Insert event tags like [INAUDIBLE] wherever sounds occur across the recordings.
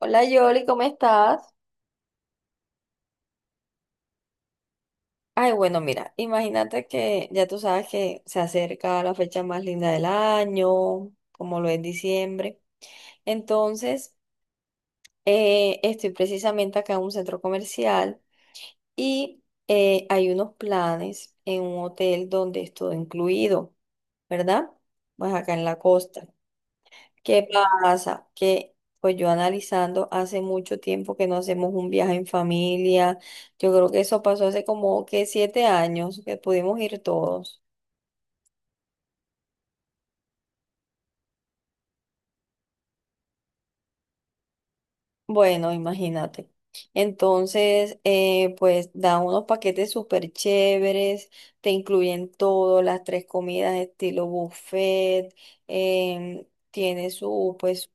Hola Yoli, ¿cómo estás? Ay, bueno, mira, imagínate que ya tú sabes que se acerca la fecha más linda del año, como lo es diciembre. Entonces, estoy precisamente acá en un centro comercial y hay unos planes en un hotel donde es todo incluido, ¿verdad? Pues acá en la costa. ¿Qué pasa? Que pues yo analizando hace mucho tiempo que no hacemos un viaje en familia. Yo creo que eso pasó hace como que 7 años que pudimos ir todos. Bueno, imagínate. Entonces, pues dan unos paquetes súper chéveres, te incluyen todo, las tres comidas estilo buffet, em, tiene su, pues,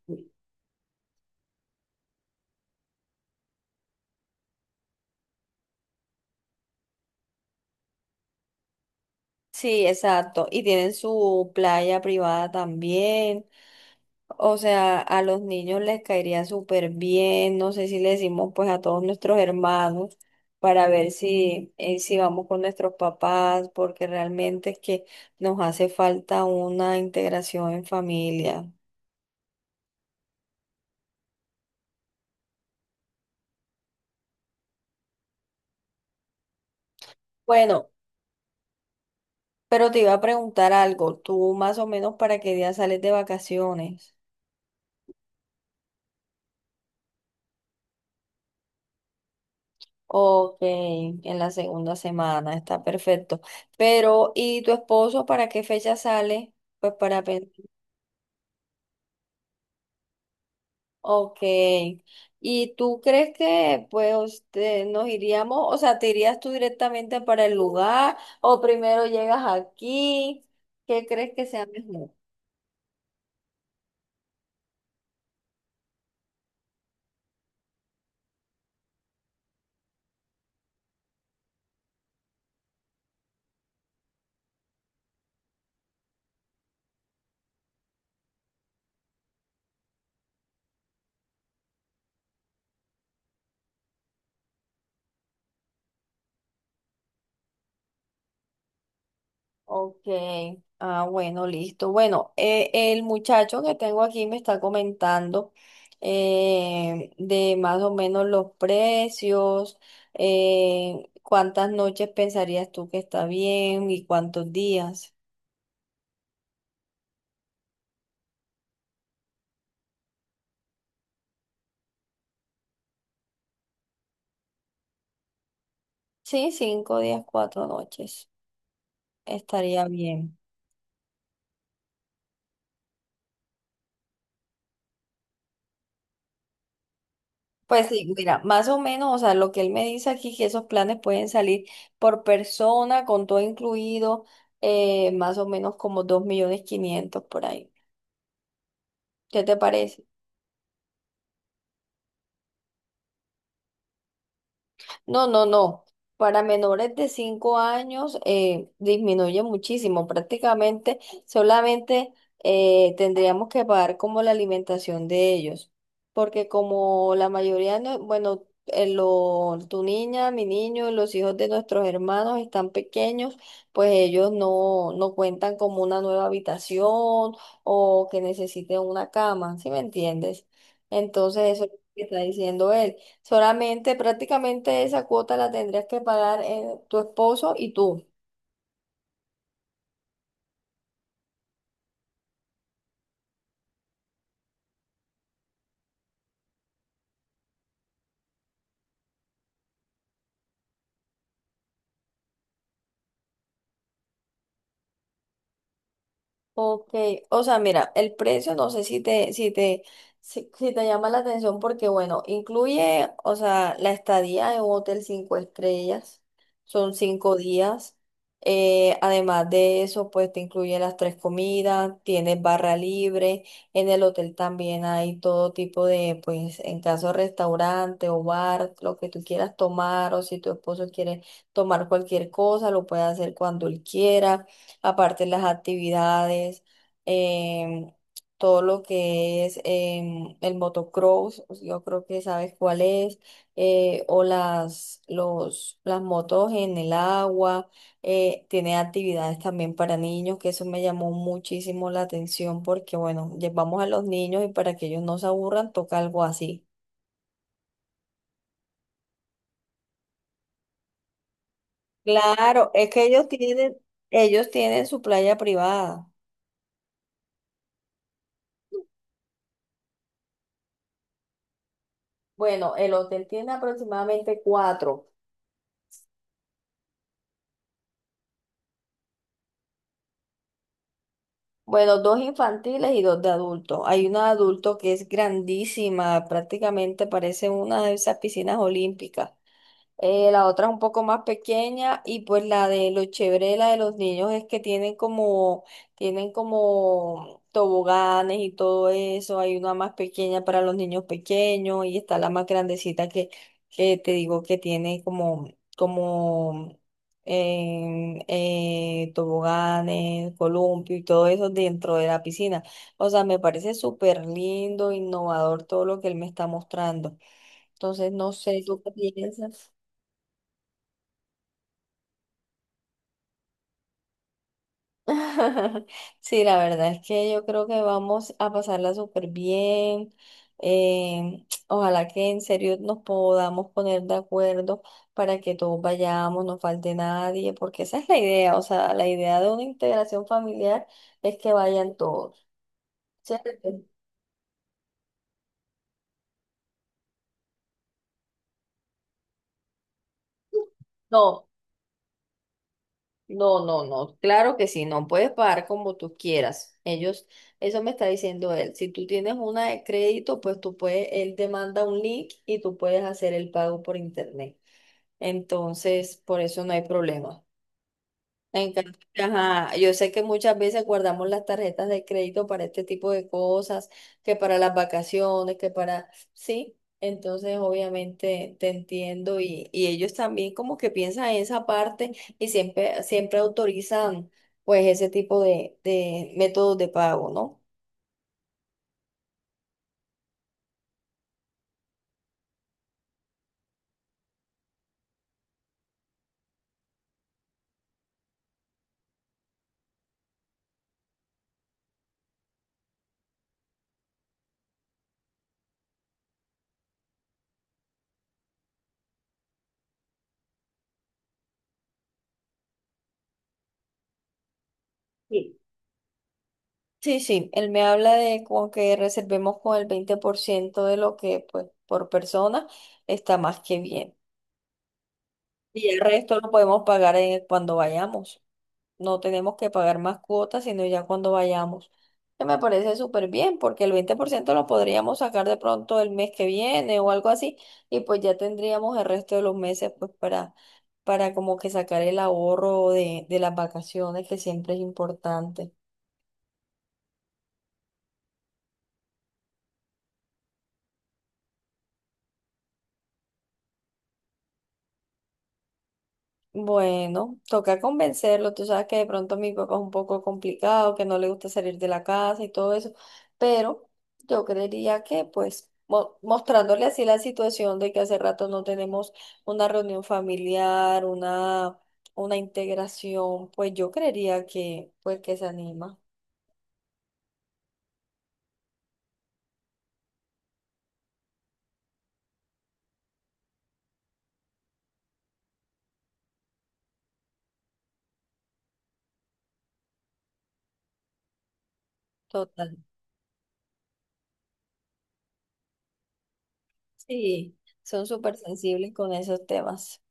sí, exacto, y tienen su playa privada también. O sea, a los niños les caería súper bien, no sé si le decimos pues a todos nuestros hermanos para ver si vamos con nuestros papás, porque realmente es que nos hace falta una integración en familia. Bueno, pero te iba a preguntar algo, ¿tú más o menos para qué día sales de vacaciones? Ok, en la segunda semana, está perfecto. Pero, ¿y tu esposo para qué fecha sale? Pues para pensar. Ok. ¿Y tú crees que pues nos iríamos, o sea, te irías tú directamente para el lugar o primero llegas aquí? ¿Qué crees que sea mejor? Ok. Ah, bueno, listo. Bueno, el muchacho que tengo aquí me está comentando de más o menos los precios, cuántas noches pensarías tú que está bien y cuántos días. Sí, 5 días, 4 noches. Estaría bien. Pues sí, mira, más o menos, o sea, lo que él me dice aquí, que esos planes pueden salir por persona, con todo incluido, más o menos como 2 millones 500 por ahí. ¿Qué te parece? No, no, no. Para menores de 5 años disminuye muchísimo. Prácticamente solamente tendríamos que pagar como la alimentación de ellos. Porque como la mayoría, no, bueno, tu niña, mi niño, los hijos de nuestros hermanos están pequeños, pues ellos no, no cuentan como una nueva habitación o que necesiten una cama, ¿sí me entiendes? Entonces eso es lo que está diciendo él. Solamente prácticamente esa cuota la tendrías que pagar tu esposo y tú. Ok, o sea, mira, el precio no sé si te llama la atención porque, bueno, incluye, o sea, la estadía en un hotel 5 estrellas, son 5 días. Además de eso, pues te incluye las tres comidas, tienes barra libre, en el hotel también hay todo tipo de, pues, en caso de restaurante o bar, lo que tú quieras tomar, o si tu esposo quiere tomar cualquier cosa, lo puede hacer cuando él quiera. Aparte las actividades, em, todo lo que es el motocross, yo creo que sabes cuál es, o las motos en el agua, tiene actividades también para niños, que eso me llamó muchísimo la atención porque, bueno, llevamos a los niños y para que ellos no se aburran, toca algo así. Claro, es que ellos tienen su playa privada. Bueno, el hotel tiene aproximadamente cuatro. Bueno, dos infantiles y dos de adultos. Hay una de adulto que es grandísima, prácticamente parece una de esas piscinas olímpicas. La otra es un poco más pequeña y pues la de lo chévere de la de los niños es que tienen como toboganes y todo eso. Hay una más pequeña para los niños pequeños y está la más grandecita que te digo que tiene como toboganes, columpio y todo eso dentro de la piscina. O sea, me parece súper lindo, innovador todo lo que él me está mostrando. Entonces, no sé, ¿tú qué piensas? [LAUGHS] Sí, la verdad es que yo creo que vamos a pasarla súper bien. Ojalá que en serio nos podamos poner de acuerdo para que todos vayamos, no falte nadie, porque esa es la idea. O sea, la idea de una integración familiar es que vayan todos, ¿cierto? No. No, no, no, claro que sí, no puedes pagar como tú quieras. Ellos, eso me está diciendo él. Si tú tienes una de crédito, pues tú puedes, él te manda un link y tú puedes hacer el pago por internet. Entonces, por eso no hay problema. En cambio, ajá, yo sé que muchas veces guardamos las tarjetas de crédito para este tipo de cosas, que para las vacaciones, que para, sí, entonces obviamente te entiendo y ellos también como que piensan en esa parte y siempre, siempre autorizan pues ese tipo de métodos de pago, ¿no? Sí. Sí, sí, él me habla de como que reservemos con el 20% de lo que pues por persona está más que bien. Y el resto lo podemos pagar cuando vayamos. No tenemos que pagar más cuotas, sino ya cuando vayamos. Que me parece súper bien, porque el 20% lo podríamos sacar de pronto el mes que viene o algo así, y pues ya tendríamos el resto de los meses pues para como que sacar el ahorro de las vacaciones, que siempre es importante. Bueno, toca convencerlo. Tú sabes que de pronto mi papá es un poco complicado, que no le gusta salir de la casa y todo eso, pero yo creería que pues mostrándole así la situación de que hace rato no tenemos una reunión familiar, una integración, pues yo creería que pues que se anima. Total. Sí, son súper sensibles con esos temas.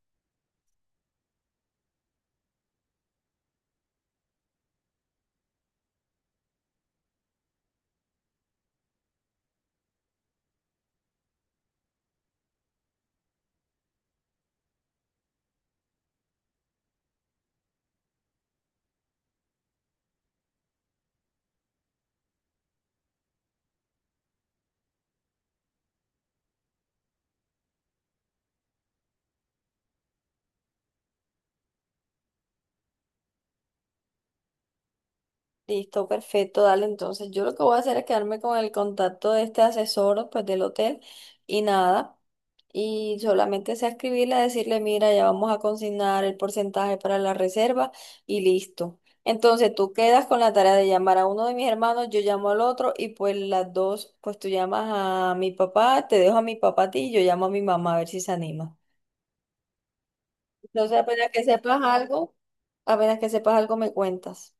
Listo, perfecto, dale. Entonces, yo lo que voy a hacer es quedarme con el contacto de este asesor, pues del hotel y nada. Y solamente sea escribirle, decirle, mira, ya vamos a consignar el porcentaje para la reserva y listo. Entonces, tú quedas con la tarea de llamar a uno de mis hermanos, yo llamo al otro y pues las dos, pues tú llamas a mi papá, te dejo a mi papá a ti y yo llamo a mi mamá a ver si se anima. Entonces, apenas que sepas algo, apenas que sepas algo me cuentas.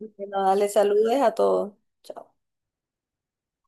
Y que nada, le saludes a todos. Chao.